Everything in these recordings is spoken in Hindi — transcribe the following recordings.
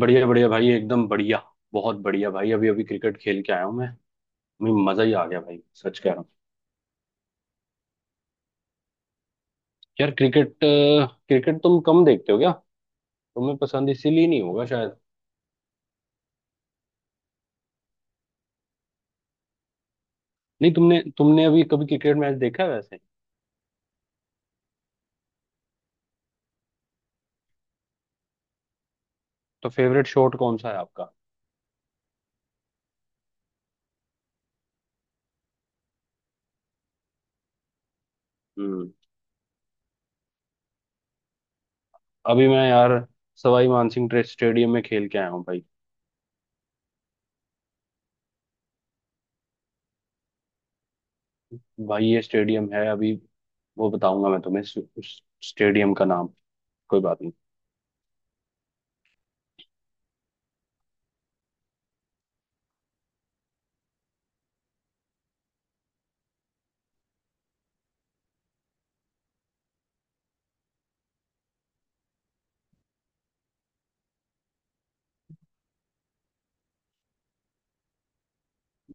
बढ़िया बढ़िया भाई एकदम बढ़िया। बहुत बढ़िया भाई, अभी अभी क्रिकेट खेल के आया हूँ मैं मजा ही आ गया भाई, सच कह रहा हूँ। यार क्रिकेट क्रिकेट तुम कम देखते हो क्या? तुम्हें पसंद इसीलिए नहीं होगा शायद। नहीं तुमने तुमने अभी कभी क्रिकेट मैच देखा है वैसे? तो फेवरेट शॉट कौन सा है आपका? हम्म। अभी मैं यार सवाई मानसिंह ट्रेस्ट स्टेडियम में खेल के आया हूँ भाई। भाई ये स्टेडियम है, अभी वो बताऊंगा मैं तुम्हें उस स्टेडियम का नाम। कोई बात नहीं।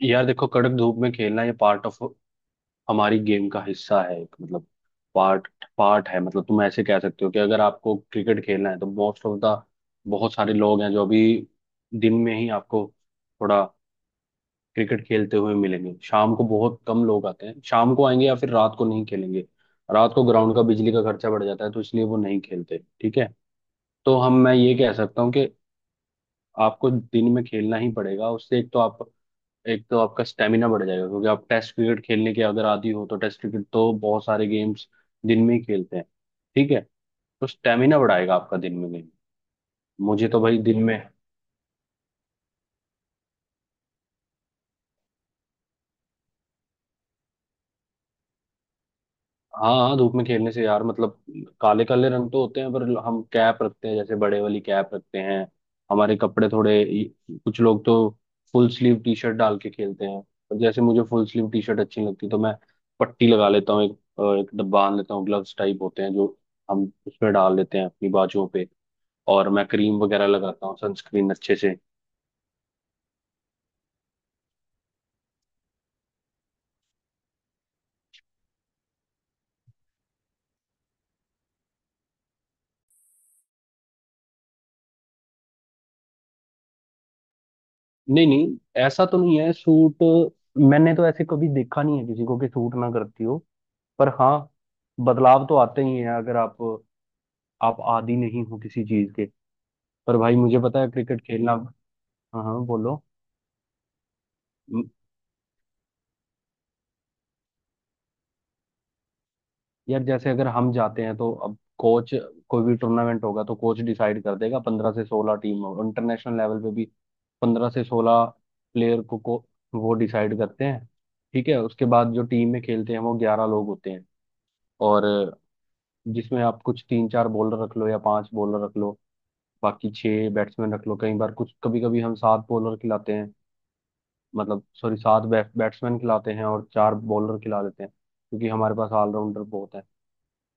यार देखो, कड़क धूप में खेलना ये पार्ट ऑफ हमारी गेम का हिस्सा है, एक मतलब पार्ट पार्ट है। मतलब तुम ऐसे कह सकते हो कि अगर आपको क्रिकेट खेलना है तो मोस्ट ऑफ द बहुत सारे लोग हैं जो अभी दिन में ही आपको थोड़ा क्रिकेट खेलते हुए मिलेंगे। शाम को बहुत कम लोग आते हैं, शाम को आएंगे या फिर रात को नहीं खेलेंगे। रात को ग्राउंड का बिजली का खर्चा बढ़ जाता है तो इसलिए वो नहीं खेलते। ठीक है। तो हम मैं ये कह सकता हूँ कि आपको दिन में खेलना ही पड़ेगा, उससे एक तो आपका स्टेमिना बढ़ जाएगा, क्योंकि आप टेस्ट क्रिकेट खेलने के अगर आदी हो तो टेस्ट क्रिकेट तो बहुत सारे गेम्स दिन में ही खेलते हैं। ठीक है। तो स्टेमिना बढ़ाएगा आपका दिन में गेम। मुझे तो भाई दिन में। हाँ हाँ, धूप में खेलने से यार मतलब काले काले रंग तो होते हैं, पर हम कैप रखते हैं, जैसे बड़े वाली कैप रखते हैं। हमारे कपड़े थोड़े, कुछ लोग तो फुल स्लीव टी शर्ट डाल के खेलते हैं। पर जैसे मुझे फुल स्लीव टी शर्ट अच्छी नहीं लगती तो मैं पट्टी लगा लेता हूँ, एक बांध लेता हूँ, ग्लव्स टाइप होते हैं जो हम उसमें डाल लेते हैं अपनी बाजुओं पे। और मैं क्रीम वगैरह लगाता हूँ, सनस्क्रीन अच्छे से। नहीं नहीं, ऐसा तो नहीं है। सूट मैंने तो ऐसे कभी देखा नहीं है किसी को कि सूट ना करती हो। पर हाँ, बदलाव तो आते ही हैं अगर आप आदी नहीं हो किसी चीज के। पर भाई मुझे पता है क्रिकेट खेलना। हाँ हाँ, बोलो। यार जैसे अगर हम जाते हैं तो अब कोच, कोई भी टूर्नामेंट होगा तो कोच डिसाइड कर देगा, 15 से 16 टीम हो इंटरनेशनल लेवल पे भी। 15 से 16 प्लेयर को वो डिसाइड करते हैं। ठीक है। उसके बाद जो टीम में खेलते हैं वो 11 लोग होते हैं। और जिसमें आप कुछ तीन चार बॉलर रख लो या पांच बॉलर रख लो, बाकी छह बैट्समैन रख लो। कई बार कुछ, कभी कभी हम सात बॉलर खिलाते हैं, मतलब सॉरी सात बैट्समैन खिलाते हैं, और चार बॉलर खिला देते हैं क्योंकि हमारे पास ऑलराउंडर बहुत है।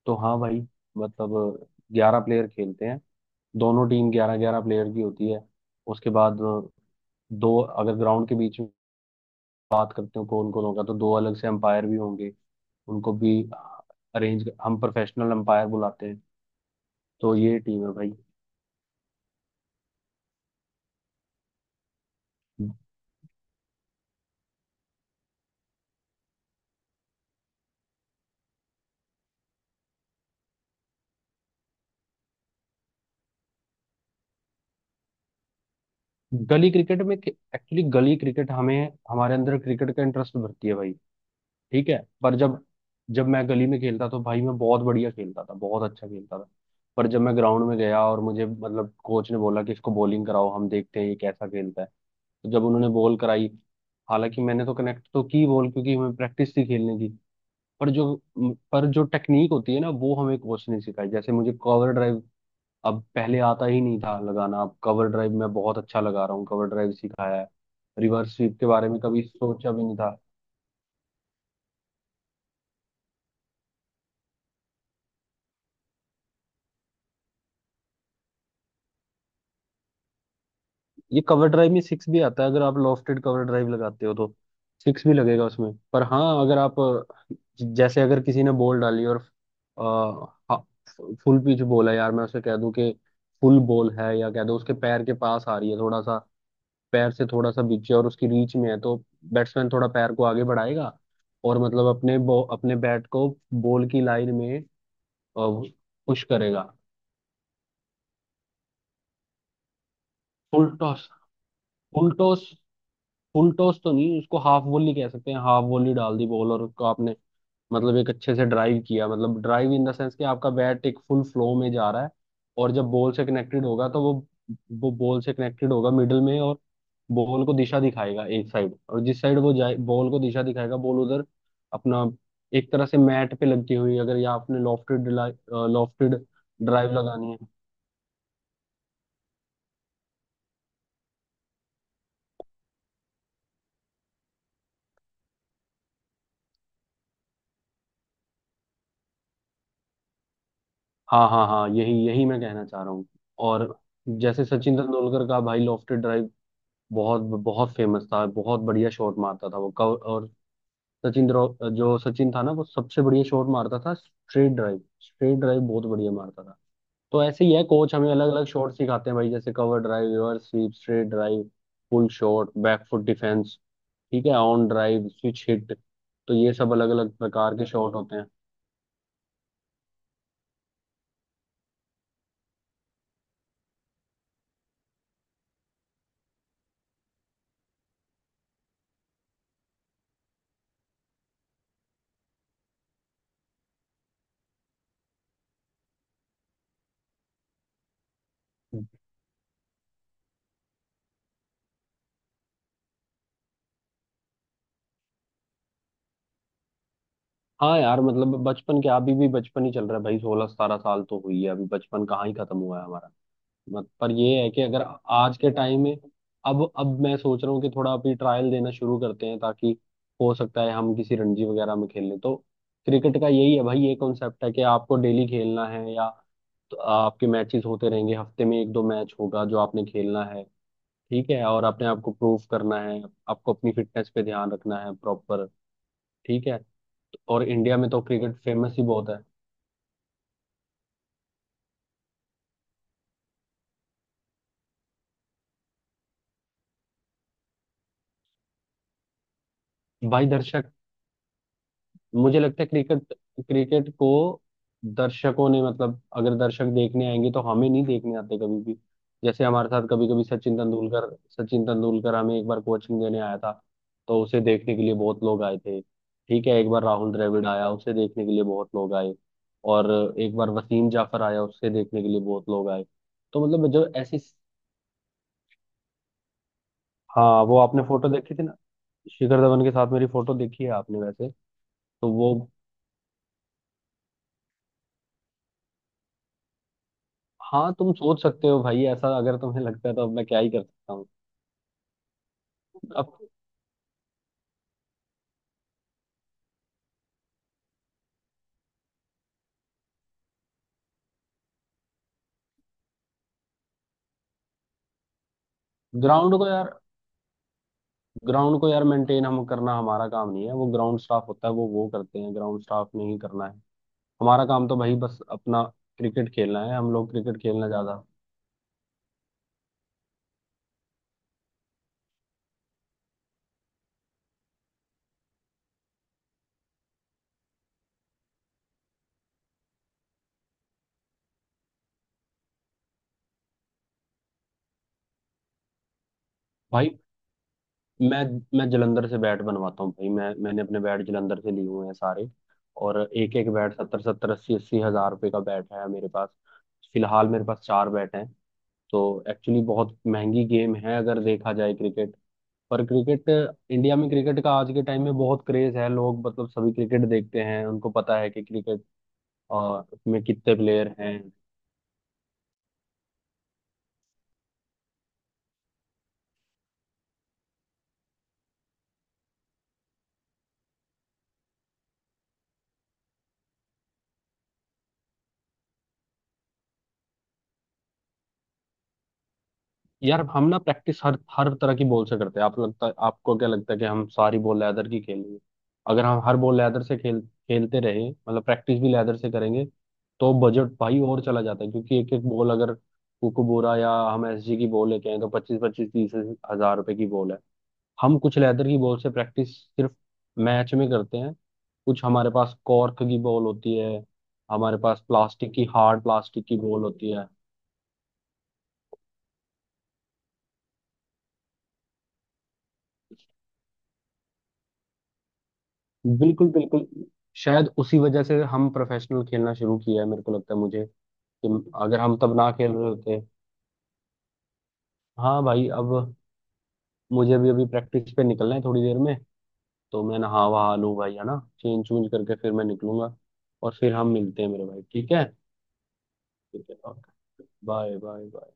तो हाँ भाई, मतलब 11 प्लेयर खेलते हैं, दोनों टीम 11-11 प्लेयर की होती है। उसके बाद दो, अगर ग्राउंड के बीच में बात करते हो कौन कौन होगा तो दो अलग से अंपायर भी होंगे। उनको भी अरेंज, हम प्रोफेशनल अंपायर बुलाते हैं। तो ये टीम है भाई। गली क्रिकेट में एक्चुअली गली क्रिकेट हमें, हमारे अंदर क्रिकेट का इंटरेस्ट भरती है भाई। ठीक है। पर जब, जब मैं गली में खेलता तो भाई मैं बहुत बढ़िया खेलता था, बहुत अच्छा खेलता था। पर जब मैं ग्राउंड में गया और मुझे मतलब कोच ने बोला कि इसको बॉलिंग कराओ, हम देखते हैं ये कैसा खेलता है। तो जब उन्होंने बॉल कराई, हालांकि मैंने तो कनेक्ट तो की बॉल क्योंकि हमें प्रैक्टिस थी खेलने की। पर जो पर जो टेक्निक होती है ना वो हमें कोच ने सिखाई, जैसे मुझे कवर ड्राइव अब पहले आता ही नहीं था लगाना, अब कवर ड्राइव मैं बहुत अच्छा लगा रहा हूँ, कवर ड्राइव सिखाया है। रिवर्स स्वीप के बारे में कभी सोचा भी नहीं था। ये कवर ड्राइव में सिक्स भी आता है, अगर आप लॉफ्टेड कवर ड्राइव लगाते हो तो सिक्स भी लगेगा उसमें। पर हाँ अगर आप जैसे अगर किसी ने बॉल डाली और फुल पिच बॉल है यार, मैं उसे कह दूं कि फुल बॉल है, या कह दो उसके पैर के पास आ रही है थोड़ा सा, पैर से थोड़ा सा बीचे और उसकी रीच में है, तो बैट्समैन थोड़ा पैर को आगे बढ़ाएगा और मतलब अपने बैट को बॉल की लाइन में पुश करेगा। Full toss, full toss, full toss तो नहीं, उसको हाफ वॉली कह सकते हैं। हाफ वॉली डाल दी बॉल और उसको आपने मतलब एक अच्छे से ड्राइव किया, मतलब ड्राइव इन द सेंस कि आपका बैट एक फुल फ्लो में जा रहा है, और जब बॉल से कनेक्टेड होगा तो वो बॉल से कनेक्टेड होगा मिडल में, और बॉल को दिशा दिखाएगा एक साइड, और जिस साइड वो जाए बॉल को दिशा दिखाएगा, बॉल उधर अपना, एक तरह से मैट पे लगती हुई, अगर या आपने लॉफ्टेड लॉफ्टेड ड्राइव लगानी है। हाँ हाँ हाँ, यही यही मैं कहना चाह रहा हूँ। और जैसे सचिन तेंदुलकर का भाई लॉफ्टेड ड्राइव बहुत बहुत फेमस था, बहुत बढ़िया शॉट मारता था वो और जो सचिन था ना वो सबसे बढ़िया शॉट मारता था, स्ट्रेट ड्राइव, स्ट्रेट ड्राइव बहुत बढ़िया मारता था। तो ऐसे ही है, कोच हमें अलग अलग शॉट सिखाते हैं भाई, जैसे cover drive, reverse sweep, straight drive, pull shot, back foot defence, ठीक है, ऑन ड्राइव, स्विच हिट। तो ये सब अलग अलग प्रकार के शॉट होते हैं। हाँ यार, मतलब बचपन के अभी भी बचपन ही चल रहा है भाई, 16-17 साल तो हुई है, अभी बचपन कहाँ ही खत्म हुआ है हमारा। मत पर ये है कि अगर आज के टाइम में अब मैं सोच रहा हूँ कि थोड़ा अभी ट्रायल देना शुरू करते हैं, ताकि हो सकता है हम किसी रणजी वगैरह में खेल लें। तो क्रिकेट का यही है भाई, ये कॉन्सेप्ट है कि आपको डेली खेलना है, या तो आपके मैचेस होते रहेंगे, हफ्ते में एक दो मैच होगा जो आपने खेलना है। ठीक है। और अपने आप को प्रूव करना है, आपको अपनी फिटनेस पे ध्यान रखना है प्रॉपर। ठीक है। और इंडिया में तो क्रिकेट फेमस ही बहुत है। भाई दर्शक, मुझे लगता है क्रिकेट, क्रिकेट को दर्शकों ने, मतलब अगर दर्शक देखने आएंगे तो हमें नहीं देखने आते कभी भी। जैसे हमारे साथ, कभी कभी सचिन तेंदुलकर हमें एक बार कोचिंग देने आया था, तो उसे देखने के लिए बहुत लोग आए थे। ठीक है। एक बार राहुल द्रविड़ आया, उसे देखने के लिए बहुत लोग आए। और एक बार वसीम जाफर आया, उसे देखने के लिए बहुत लोग आए। तो मतलब जो ऐसी, हाँ वो आपने फोटो देखी थी ना, शिखर धवन के साथ मेरी फोटो देखी है आपने वैसे? तो वो, हाँ तुम सोच सकते हो भाई, ऐसा अगर तुम्हें लगता है तो अब मैं क्या ही कर सकता हूँ। अब ग्राउंड को यार ग्राउंड को यार मेंटेन हम करना, हमारा काम नहीं है, वो ग्राउंड स्टाफ होता है, वो करते हैं, ग्राउंड स्टाफ ने ही करना है। हमारा काम तो भाई बस अपना क्रिकेट खेलना है, हम लोग क्रिकेट खेलना ज्यादा। भाई मैं मैं जलंधर से बैट बनवाता हूँ भाई, मैंने अपने बैट जलंधर से लिए हुए हैं सारे। और एक एक बैट सत्तर सत्तर अस्सी अस्सी हजार रुपये का बैट है मेरे पास। फिलहाल मेरे पास चार बैट हैं। तो एक्चुअली बहुत महंगी गेम है अगर देखा जाए क्रिकेट। पर क्रिकेट, इंडिया में क्रिकेट का आज के टाइम में बहुत क्रेज है, लोग मतलब सभी क्रिकेट देखते हैं, उनको पता है कि क्रिकेट और में कितने प्लेयर हैं। यार हम ना प्रैक्टिस हर हर तरह की बॉल से करते हैं। आप लगता, आपको क्या लगता है कि हम सारी बॉल लेदर की खेलेंगे? अगर हम हर बॉल लेदर से खेलते रहे, मतलब प्रैक्टिस भी लेदर से करेंगे तो बजट भाई और चला जाता है, क्योंकि एक एक बॉल अगर कोको बोरा या हम एसजी की बॉल लेके आए तो पच्चीस पच्चीस तीस हजार रुपए की बॉल है। हम कुछ लेदर की बॉल से प्रैक्टिस सिर्फ मैच में करते हैं। कुछ हमारे पास कॉर्क की बॉल होती है, हमारे पास प्लास्टिक की, हार्ड प्लास्टिक की बॉल होती है। बिल्कुल बिल्कुल, शायद उसी वजह से हम प्रोफेशनल खेलना शुरू किया है, मेरे को लगता है मुझे, कि अगर हम तब ना खेल रहे होते। हाँ भाई, अब मुझे भी अभी प्रैक्टिस पे निकलना है थोड़ी देर में। तो मैं नहा वहा लूँ भाई, है ना, चेंज चूंज करके फिर मैं निकलूंगा। और फिर हम मिलते हैं मेरे भाई, ठीक है? ठीक है, ओके, बाय बाय बाय।